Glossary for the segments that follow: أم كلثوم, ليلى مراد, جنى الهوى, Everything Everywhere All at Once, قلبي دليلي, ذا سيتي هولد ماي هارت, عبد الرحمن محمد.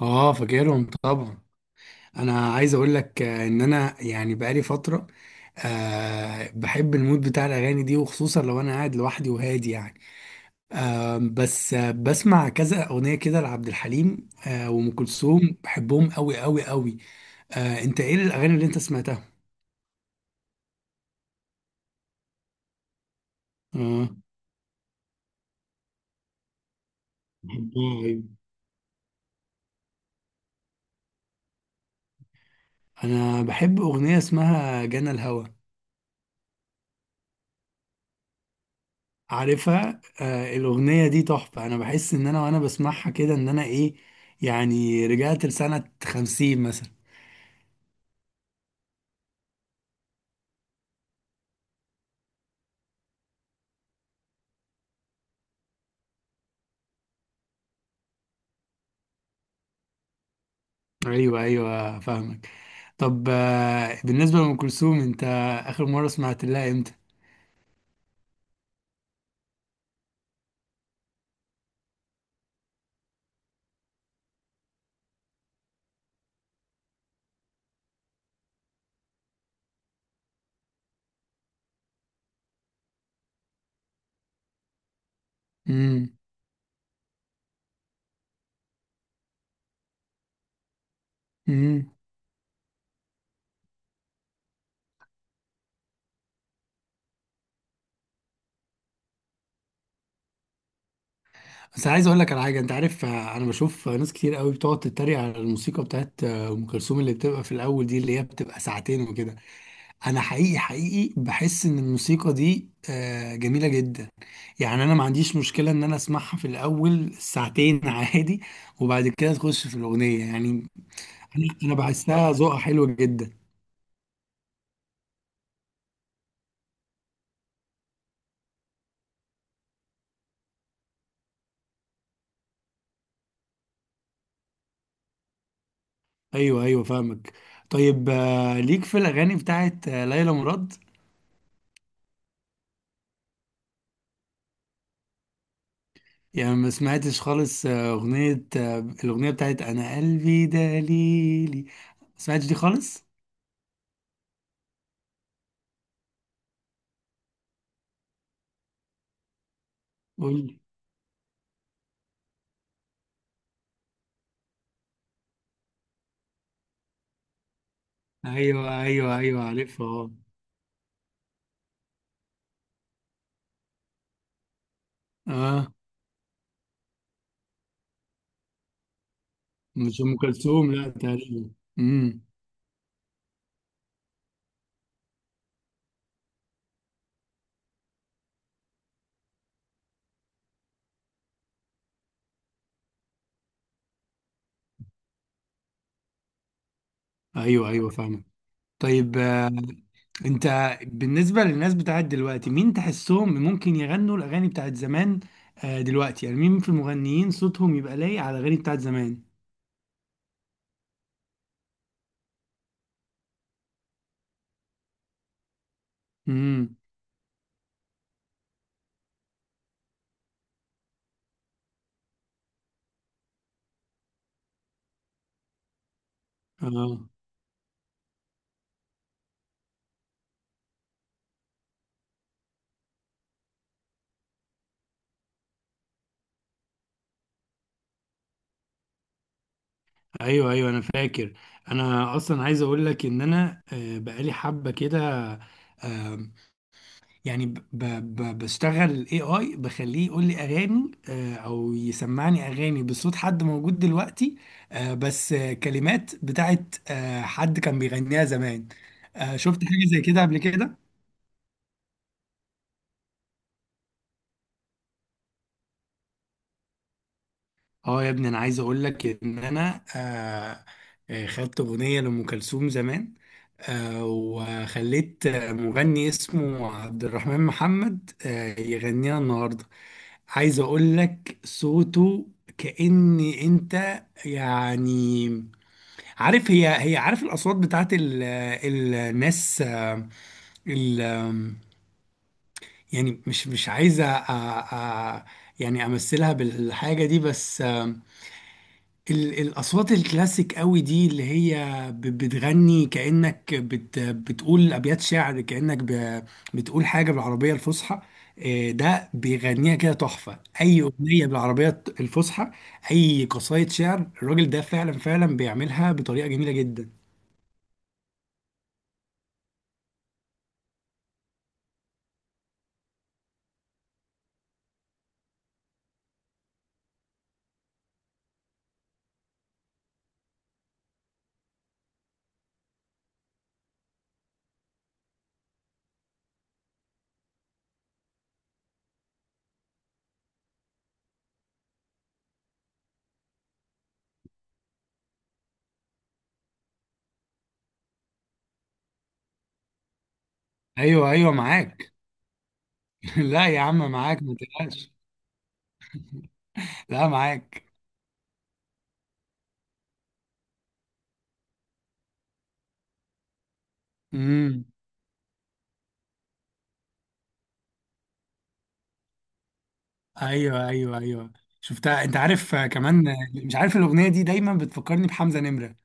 اه، فاكرهم طبعا. انا عايز اقول لك، ان انا يعني بقالي فتره. بحب المود بتاع الاغاني دي، وخصوصا لو انا قاعد لوحدي وهادي يعني. بس بسمع كذا اغنيه كده لعبد الحليم، وام كلثوم. بحبهم قوي قوي قوي. انت ايه الاغاني اللي انت سمعتها؟ اه، بحبها. أيوة. انا بحب اغنيه اسمها جنى الهوى. عارفها. الأغنية دي تحفة. أنا بحس إن أنا وأنا بسمعها كده إن أنا إيه، يعني رجعت لسنة 50 مثلا. أيوه أيوه فاهمك. طب، بالنسبة لأم كلثوم، أنت آخر مرة سمعت لها إمتى؟ امم امم بس عايز أقول لك على حاجة. أنت عارف، أنا بشوف ناس كتير قوي بتقعد تتريق على الموسيقى بتاعت أم كلثوم، اللي بتبقى في الأول دي، اللي هي بتبقى ساعتين وكده. انا حقيقي حقيقي بحس ان الموسيقى دي جميله جدا. يعني انا ما عنديش مشكله ان انا اسمعها في الاول ساعتين عادي. وبعد كده تخش في الاغنيه يعني. انا بحسها ذوقها حلو جدا. ايوه ايوه فاهمك. طيب، ليك في الاغاني بتاعت ليلى مراد؟ يعني ما سمعتش خالص آه، اغنيه آه، الاغنيه بتاعت انا قلبي دليلي. ما سمعتش دي خالص. قول لي. ايوه ايوه ايوه عارفها، اه. آه. مش ام كلثوم، لا، تقريبا. امم. ايوه ايوه فاهمك. طيب، انت بالنسبه للناس بتاعت دلوقتي، مين تحسهم ممكن يغنوا الاغاني بتاعت زمان؟ دلوقتي يعني مين في المغنيين صوتهم يبقى لايق على الاغاني بتاعت زمان؟ امم. اه، ايوه ايوه، انا فاكر. انا اصلا عايز اقول لك ان انا، بقالي حبه كده. آه، يعني ب ب بشتغل الـ AI، بخليه يقول لي اغاني، او يسمعني اغاني بصوت حد موجود دلوقتي، بس، كلمات بتاعت حد كان بيغنيها زمان. شفت حاجة زي كده قبل كده؟ اه يا ابني، انا عايز اقول لك ان انا، خدت اغنية لأم كلثوم زمان، وخليت مغني اسمه عبد الرحمن محمد يغنيها النهاردة. عايز اقول لك صوته كأن انت يعني، عارف هي هي عارف الاصوات بتاعت الناس، آه، ال آم، يعني مش عايزه، يعني امثلها بالحاجه دي، بس الأصوات الكلاسيك قوي دي، اللي هي بتغني كأنك بتقول أبيات شعر، كأنك بتقول حاجة بالعربية الفصحى. ده بيغنيها كده تحفة. أي أغنية بالعربية الفصحى، أي قصايد شعر، الراجل ده فعلا فعلا بيعملها بطريقة جميلة جدا. أيوه أيوه معاك. لا يا عم، معاك، ما تقلقش. لا، معاك. امم. ايوه ايوه ايوه شفتها. انت عارف، كمان مش عارف، الاغنيه دي دايما بتفكرني بحمزه نمره.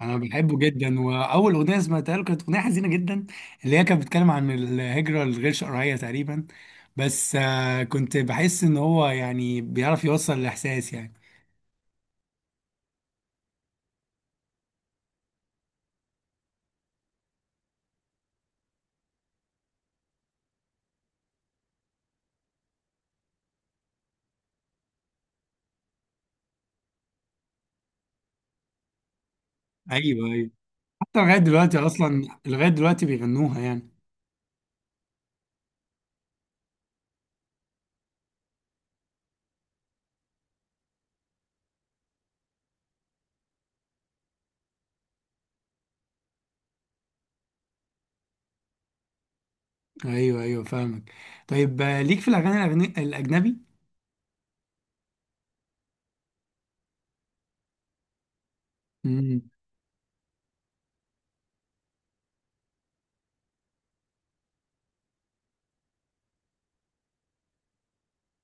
انا بحبه جدا، واول اغنيه سمعتها له كانت اغنيه حزينه جدا، اللي هي كانت بتتكلم عن الهجره الغير شرعيه تقريبا. بس، كنت بحس ان هو يعني بيعرف يوصل الاحساس يعني. ايوه ايوه. حتى لغايه دلوقتي اصلا، لغايه دلوقتي بيغنوها يعني. ايوه ايوه فاهمك. طيب، ليك في الاغاني الاجنبي؟ امم.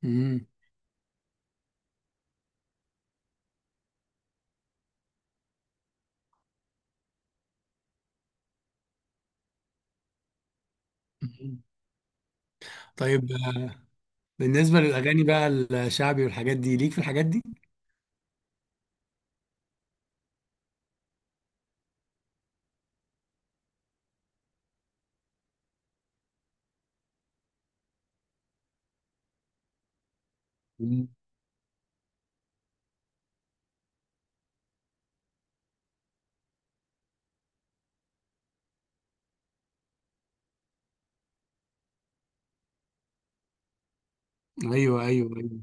امم. طيب، بالنسبه للاغاني بقى، الشعبي والحاجات دي، ليك في الحاجات دي؟ مم. ايوه ايوه ايوه.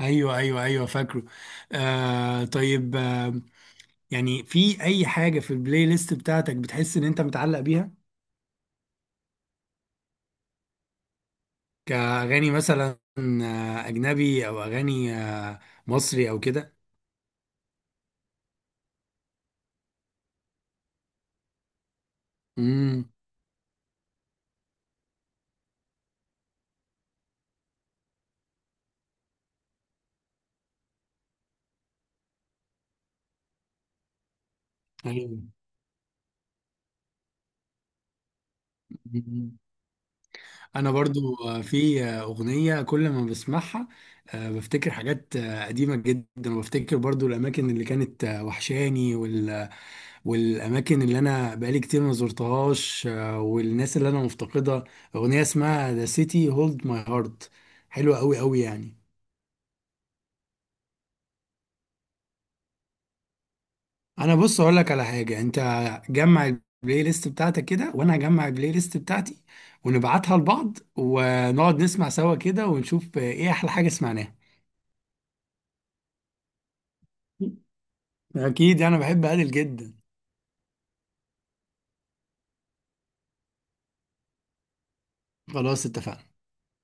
ايوه ايوه ايوه فاكره. طيب، يعني في اي حاجه في البلاي ليست بتاعتك بتحس ان انت متعلق بيها، كاغاني مثلا اجنبي، او اغاني مصري او كده؟ امم. ايوه. مم. انا برضو، في اغنيه كل ما بسمعها بفتكر حاجات قديمه جدا، وبفتكر برضو الاماكن اللي كانت وحشاني، والاماكن اللي انا بقالي كتير ما زرتهاش، والناس اللي انا مفتقدها. اغنيه اسمها ذا سيتي هولد ماي هارت. حلوه قوي قوي يعني. انا بص اقول لك على حاجه. انت جمع البلاي ليست بتاعتك كده، وانا هجمع البلاي ليست بتاعتي، ونبعتها لبعض ونقعد نسمع سوا كده، ونشوف ايه احلى حاجه سمعناها. اكيد انا بحب ادل جدا. خلاص اتفقنا.